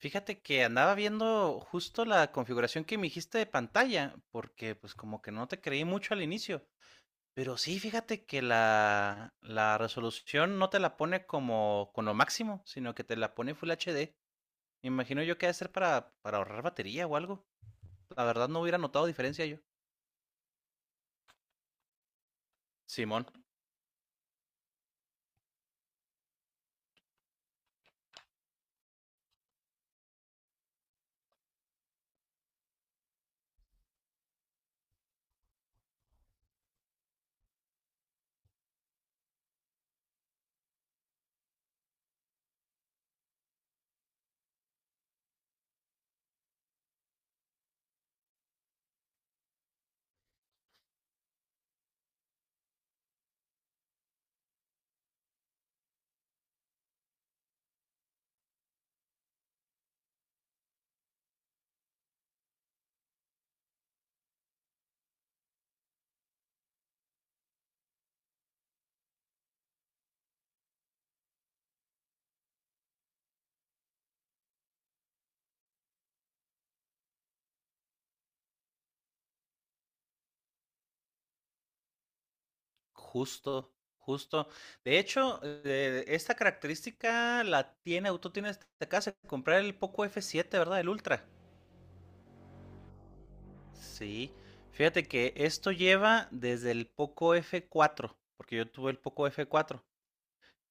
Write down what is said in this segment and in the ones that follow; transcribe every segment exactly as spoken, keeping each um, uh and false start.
Fíjate que andaba viendo justo la configuración que me dijiste de pantalla, porque pues como que no te creí mucho al inicio. Pero sí, fíjate que la, la resolución no te la pone como con lo máximo, sino que te la pone Full H D. Me imagino yo que ha de ser para, para ahorrar batería o algo. La verdad no hubiera notado diferencia yo. Simón, justo, justo. De hecho, eh, esta característica la tiene, tú tienes, te acabas de comprar el Poco F siete, ¿verdad? El Ultra. Sí, fíjate que esto lleva desde el Poco f cuatro, porque yo tuve el Poco f cuatro.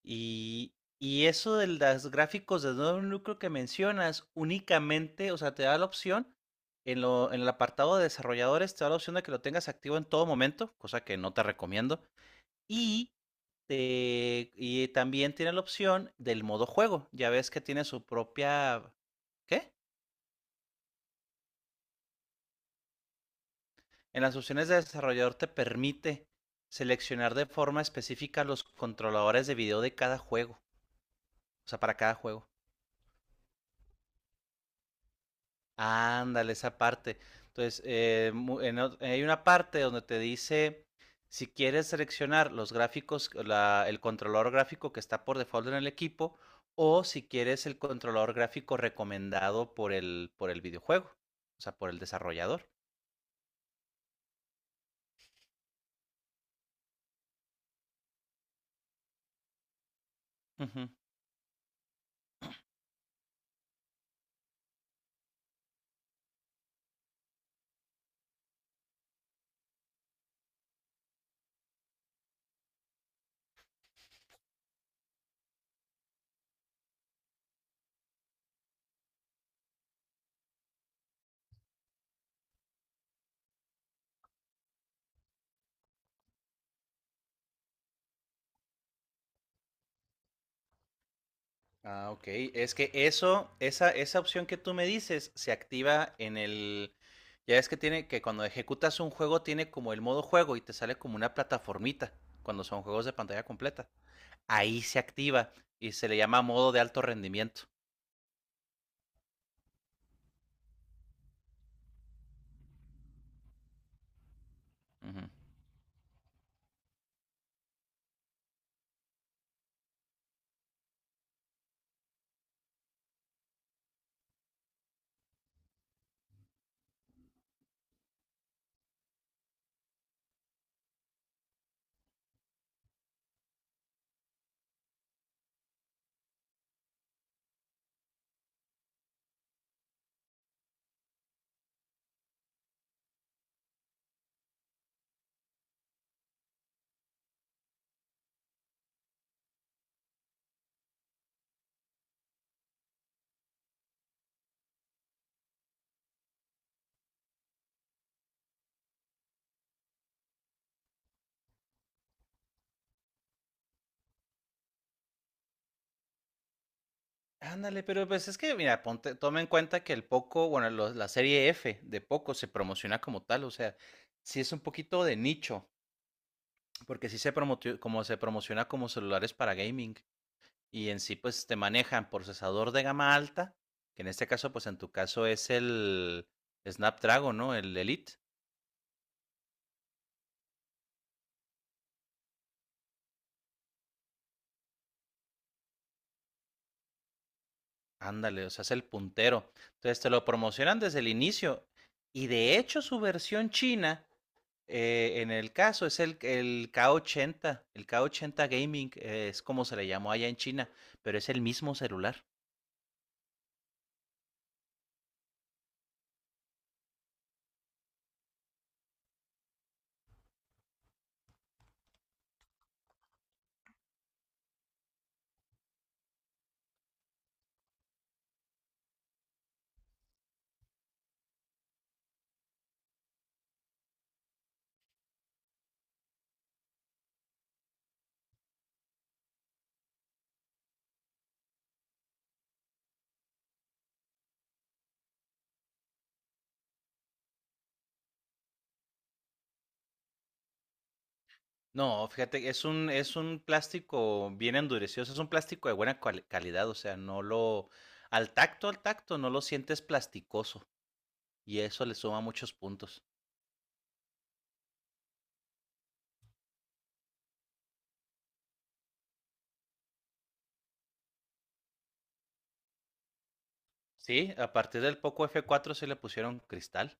Y, y eso de los gráficos de nuevo núcleo que mencionas, únicamente, o sea, te da la opción, en, lo, en el apartado de desarrolladores, te da la opción de que lo tengas activo en todo momento, cosa que no te recomiendo. Y, te- y también tiene la opción del modo juego. Ya ves que tiene su propia. ¿Qué? En las opciones de desarrollador te permite seleccionar de forma específica los controladores de video de cada juego, o sea, para cada juego. Ándale, esa parte. Entonces, eh, en hay una parte donde te dice si quieres seleccionar los gráficos, la- el controlador gráfico que está por default en el equipo, o si quieres el controlador gráfico recomendado por el, por el videojuego, o sea, por el desarrollador. Ujú. Ah, ok. Es que eso, esa, esa opción que tú me dices se activa en el. Ya es que tiene que cuando ejecutas un juego tiene como el modo juego y te sale como una plataformita cuando son juegos de pantalla completa. Ahí se activa y se le llama modo de alto rendimiento. Ujú. Ándale, pero pues es que, mira, ponte, toma en cuenta que el Poco, bueno, lo- la serie F de Poco se promociona como tal, o sea, sí es un poquito de nicho, porque sí se promotio- como se promociona como celulares para gaming. Y en sí pues te manejan procesador de gama alta, que en este caso pues en tu caso es el Snapdragon, ¿no? El Elite. Ándale, o sea, es el puntero. Entonces te lo promocionan desde el inicio y de hecho su versión china, eh, en el caso, es el, el K ochenta, el K ochenta Gaming, eh, es como se le llamó allá en China, pero es el mismo celular. No, fíjate, es un, es un plástico bien endurecido, o sea, es un plástico de buena cual- calidad, o sea, no lo, al tacto, al tacto, no lo sientes plasticoso y eso le suma muchos puntos. Sí, a partir del Poco f cuatro sí le pusieron cristal.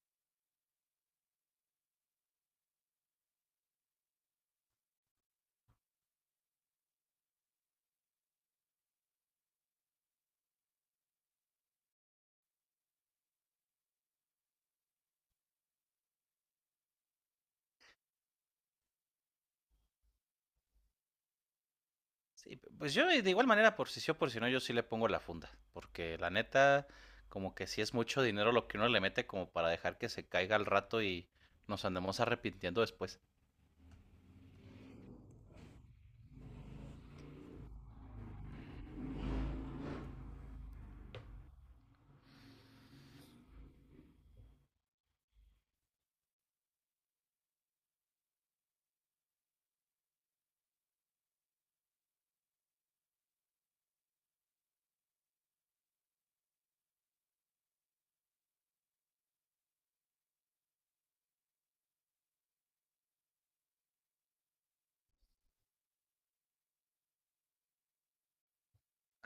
Sí, p- pues yo de igual manera, por si sí o por si no, yo sí le pongo la funda, porque la neta, como que sí es mucho dinero lo que uno le mete como para dejar que se caiga al rato y nos andemos arrepintiendo después.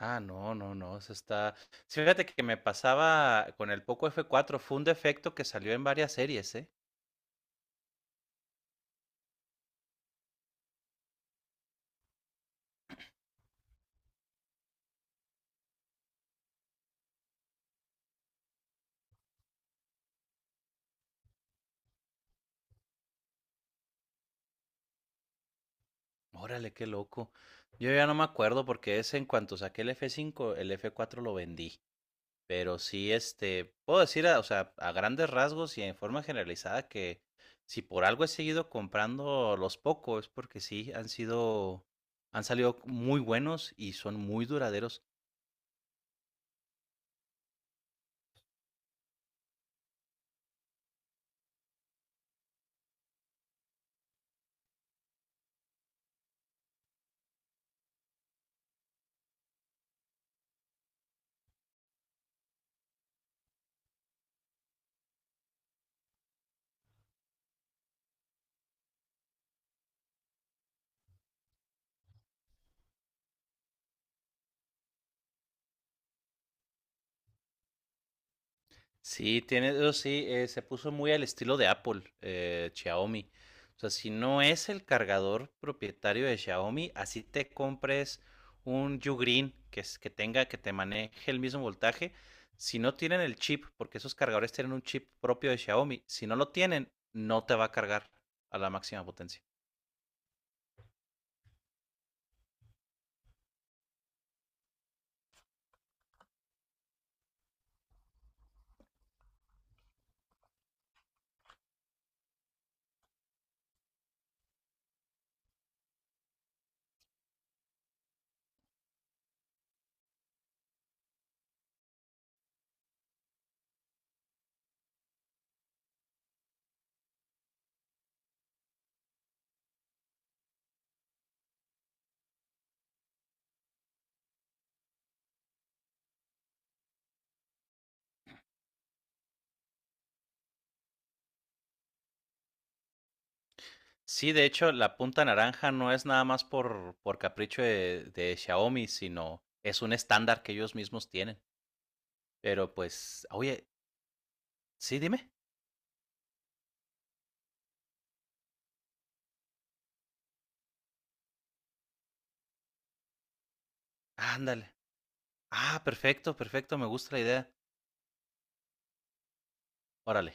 Ah, no, no, no, eso está sí, fíjate que me pasaba con el Poco f cuatro, fue un defecto que salió en varias series, ¿eh? Órale, qué loco. Yo ya no me acuerdo porque es en cuanto saqué el f cinco, el f cuatro lo vendí, pero sí, este, puedo decir, a o sea, a grandes rasgos y en forma generalizada que si por algo he seguido comprando los Poco es porque sí han sido han salido muy buenos y son muy duraderos. Sí, tiene, eso sí, eh, se puso muy al estilo de Apple, eh, Xiaomi. O sea, si no es el cargador propietario de Xiaomi, así te compres un Ugreen que, es- que tenga, que te maneje el mismo voltaje. Si no tienen el chip, porque esos cargadores tienen un chip propio de Xiaomi, si no lo tienen, no te va a cargar a la máxima potencia. Sí, de hecho, la punta naranja no es nada más por, por capricho de de Xiaomi, sino es un estándar que ellos mismos tienen. Pero pues, oye. Sí, dime. Ándale. Ah, perfecto, perfecto, me gusta la idea. Órale.